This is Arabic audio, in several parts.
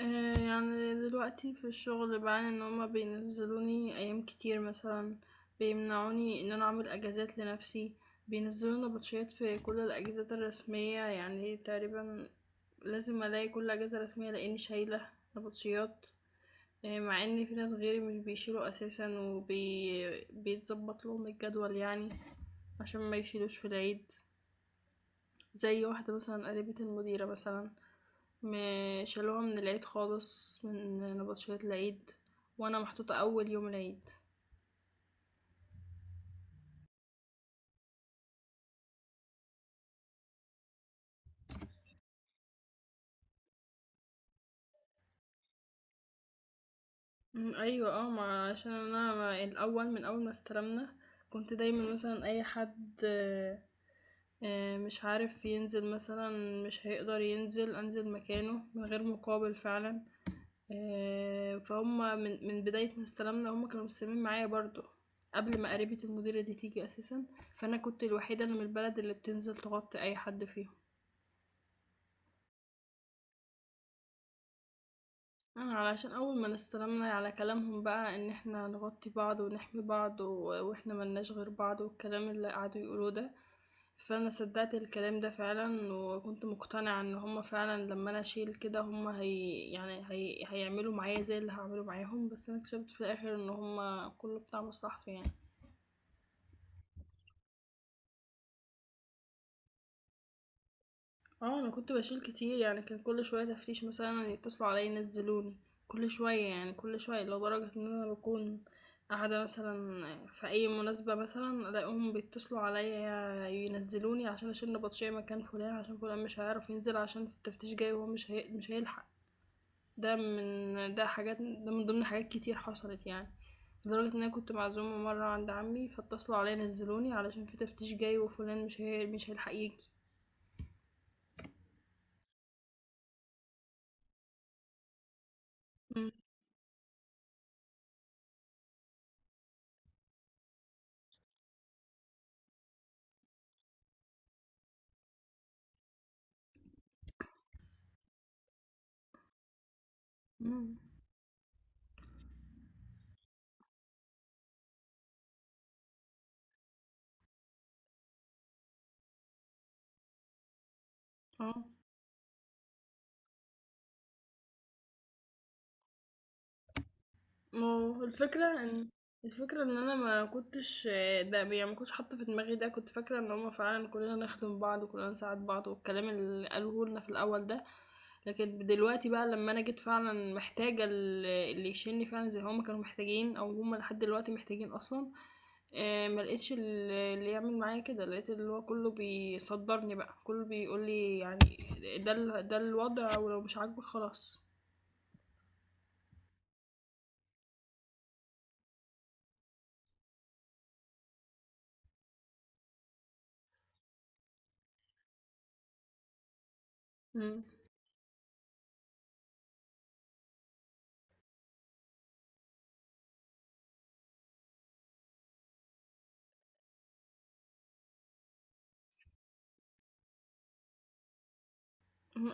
يعني دلوقتي في الشغل بعاني ان هما بينزلوني ايام كتير مثلا، بيمنعوني ان انا اعمل اجازات لنفسي. بينزلوا نبطشيات في كل الاجازات الرسمية يعني تقريبا لازم الاقي كل اجازة رسمية لاني شايلة نبطشيات. مع ان في ناس غيري مش بيشيلوا اساسا وبي بيتظبط لهم الجدول يعني، عشان ما يشيلوش في العيد. زي واحدة مثلا قريبة المديرة مثلا، ما شالوها من العيد خالص من نبطشيات العيد، وانا محطوطة اول يوم العيد. مم، ايوه اه. ما عشان انا الاول من اول ما استلمنا كنت دايما مثلا اي حد مش عارف ينزل مثلا، مش هيقدر ينزل انزل مكانه من غير مقابل فعلا. فهم. من بداية ما استلمنا هم كانوا مستلمين معايا برضو، قبل ما قريبة المديرة دي تيجي اساسا. فانا كنت الوحيدة اللي من البلد اللي بتنزل تغطي اي حد فيهم. علشان أول ما استلمنا على كلامهم بقى إن إحنا نغطي بعض ونحمي بعض وإحنا ملناش غير بعض والكلام اللي قعدوا يقولوه ده، فأنا صدقت الكلام ده فعلا وكنت مقتنعة إن هما فعلا لما أنا أشيل كده هما هي يعني هي هيعملوا معايا زي اللي هعمله معاهم، بس أنا اكتشفت في الآخر إن هما كله بتاع مصلحته يعني. اه انا كنت بشيل كتير يعني، كان كل شويه تفتيش مثلا يتصلوا عليا ينزلوني، كل شويه لدرجه ان انا بكون قاعده مثلا في اي مناسبه مثلا الاقيهم بيتصلوا عليا ينزلوني عشان اشيل نبطشيه مكان فلان، عشان فلان مش هيعرف ينزل عشان في التفتيش جاي وهو مش هيلحق. ده من ضمن حاجات كتير حصلت يعني. لدرجة ان انا كنت معزومة مرة عند عمي فاتصلوا عليا نزلوني علشان في تفتيش جاي وفلان مش هيلحق يجي. مم. مم. اه. ما هو الفكرة إن، الفكرة إن أنا ما كنتش ده يعني ما كنتش حاطة في دماغي ده، كنت فاكرة إن هما فعلا كلنا نخدم بعض وكلنا نساعد بعض والكلام اللي قالوه لنا في الأول ده. لكن دلوقتي بقى لما أنا جيت فعلا محتاجة اللي يشيلني فعلا زي ما هما كانوا محتاجين، أو هما لحد دلوقتي محتاجين أصلا، ما لقيتش اللي يعمل معايا كده. لقيت اللي هو كله بيصدرني بقى، كله بيقولي يعني ده الوضع ولو مش عاجبك خلاص. مم.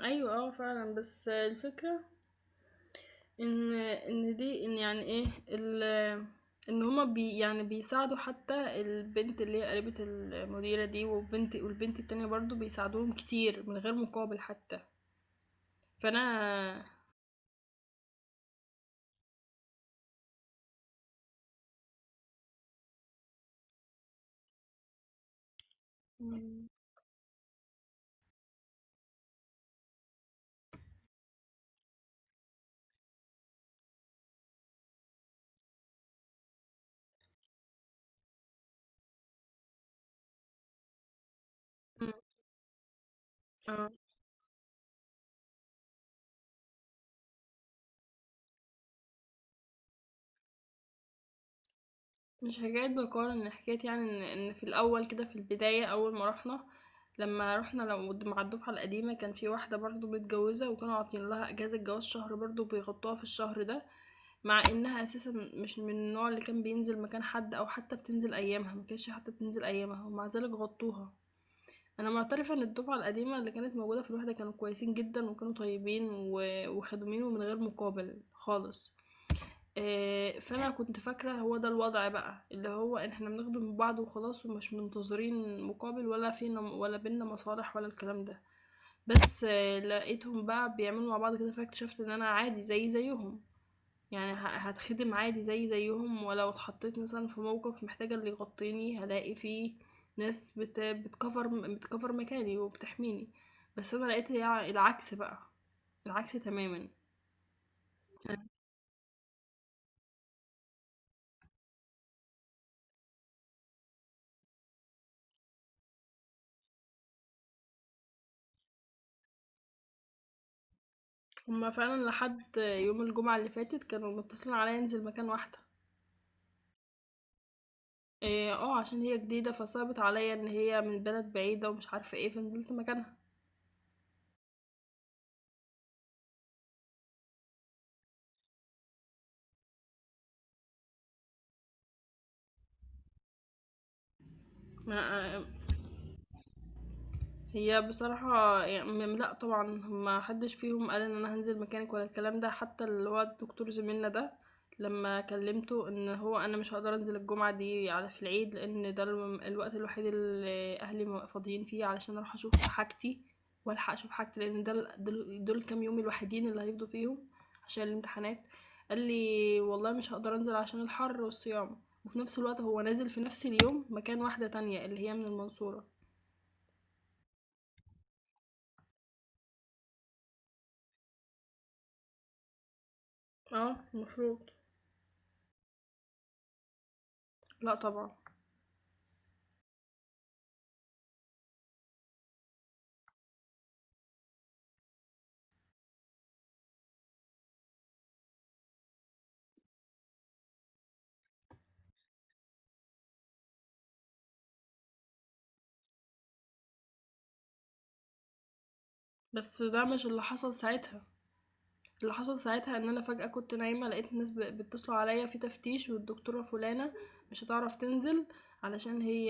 ايوه اه فعلا. بس الفكره إن إن دي إن يعني إيه ال إن هما بي يعني بيساعدوا حتى البنت اللي هي قريبة المديرة دي، والبنت التانية برضو بيساعدوهم كتير من غير مقابل حتى، فأنا. مم. مم. آه. مش حكاية بقارن، حكاية يعني إن في الأول كده في البداية أول ما رُحنا، لمّا رُحنا لو د مع الدفعة القديمة، كان في واحدة برضه متجوزة وكانوا عاطيين لها إجازة جواز شهر، برضه بيغطوها في الشهر ده، مع إنها أساسًا مش من النوع اللي كان بينزل مكان حد أو حتى بتنزل أيامها، ما كانتش حتى بتنزل أيامها ومع ذلك غطوها. أنا معترفة إن الدفعة القديمة اللي كانت موجودة في الوحدة كانوا كويسين جدًا، وكانوا طيبين وخدومين ومن غير مقابل خالص. فأنا كنت فاكرة هو ده الوضع بقى، اللي هو إن إحنا بنخدم من بعض وخلاص ومش منتظرين مقابل، ولا فينا ولا بيننا مصالح ولا الكلام ده. بس لقيتهم بقى بيعملوا مع بعض كده، فاكتشفت إن أنا عادي زيي زيهم. يعني هاتخدم عادي زيي زيهم، ولو اتحطيت مثلًا في موقف محتاجة اللي يغطيني هالاقي في ناس بت بتcover بتcover مكاني وبتحميني. بس أنا لقيت العكس بقى، العكس تمامًا. هما فعلًا لحد يوم الجمعة اللي فاتت كانوا متصلين عليَّ أنزل مكان واحدة. عشان هي جديدة فصعبت عليَّ إن هي من بلد بعيدة ومش عارفة إيه، فنزلت مكانها. ما آه، هي بصراحة ي م لأ طبعًا، ما حدش فيهم قال إن أنا هانزل مكانِك ولا الكلام ده. حتى اللي هو الدكتور زميلنا ده لمّا كلمته إن هو أنا مش هاقدر أنزل الجمعة دي على في العيد، لإن ده الوقت الوحيد اللي أهلي فاضيين فيه علشان أروح أشوف حاجتي وألحق أشوف حاجتي، لإن ده ال دول دول الكام يوم الوحيدين اللي هيفضوا فيهم عشان الامتحانات، قال لي: "والله مش هاقدر أنزل عشان الحر والصيام." وفي نفس الوقت هو نازل في نفس اليوم مكان واحدة تانية اللي هي من المنصورة. آه المفروض. لأ طبعًا. بس ده مش اللي حصل ساعتها، اللي حصل ساعتها إن أنا فجأة كنت نايمة لقيت الناس بيتصلوا عليَّ في تفتيش، والدكتورة فلانة مش هتعرف تنزل علشان هي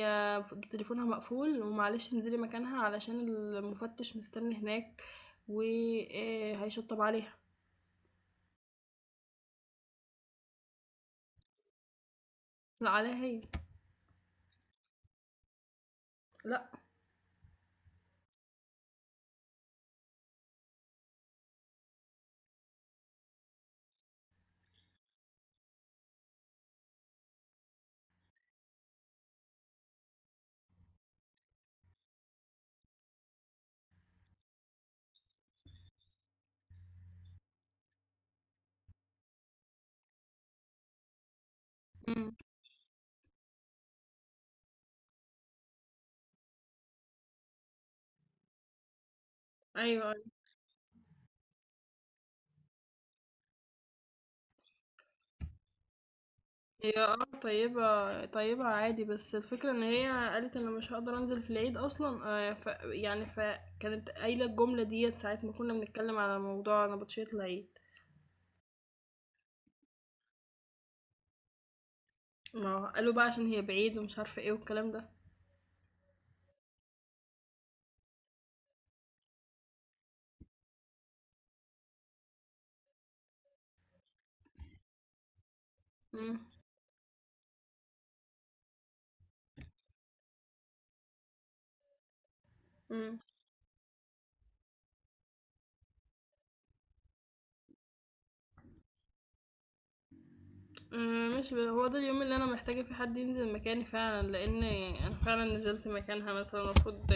تليفونها مقفول، ومعلش انزلي مكانها علشان المفتش مستني هناك و، هيشطّب عليها. لأ عليها هي. لأ. إمم. أيوه، أيوه. هي اه طيبة طيبة عادي، بس الفكرة ان هي قالت انا مش هقدر انزل في العيد اصلا، ف يعني فكانت قايلة الجملة ديت ساعة ما كنا بنتكلم على موضوع نبطشية العيد. ما هو قالوا بقى عشان هي بعيد ومش عارفة ايه والكلام ده. مم. مم. ماشي. هو ده اليوم اللي أنا محتاجة فيه حد ينزل مكاني فعلًا، لإن أنا فعلًا نزلت مكانها مثلًا، المفروض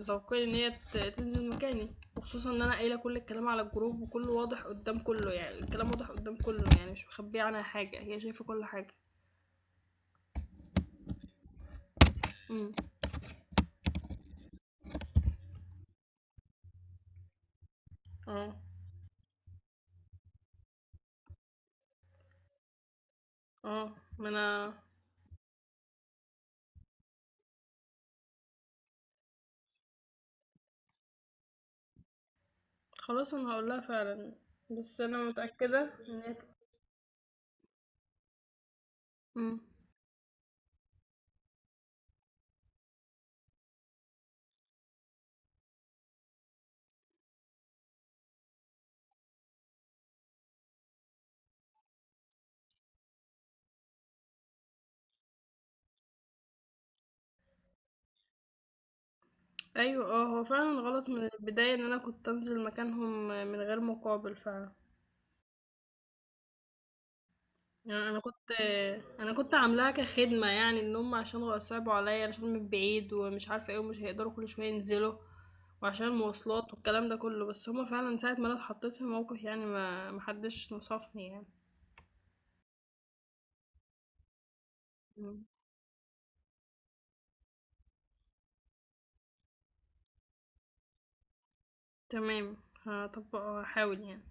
ذوقيا إن هي تنزل مكاني. وخصوصًا إن أنا قايلة كل الكلام على الجروب وكله واضح قدام كله يعني، الكلام واضح قدام كله يعني، مش مخبية عنها حاجة، هي شايفة كل حاجة. امم. آه، ما أنا. خلاص أنا هاقول لها فعلًا، بس أنا متأكدة إن هي. امم. أيوه هو فعلًا غلط من البداية إن أنا كنت أنزل مكانهم من غير مقابل فعلًا. يعني انا كنت انا كنت عاملاها كخدمه، يعني ان هم عشان صعبوا عليا عشان من بعيد ومش عارفه ايه ومش هيقدروا كل شويه ينزلوا وعشان المواصلات والكلام ده كله. بس هما فعلا ساعه ما انا اتحطيت في موقف يعني، ما محدش نصفني يعني. مم. تمام. هطبق هحاول يعني.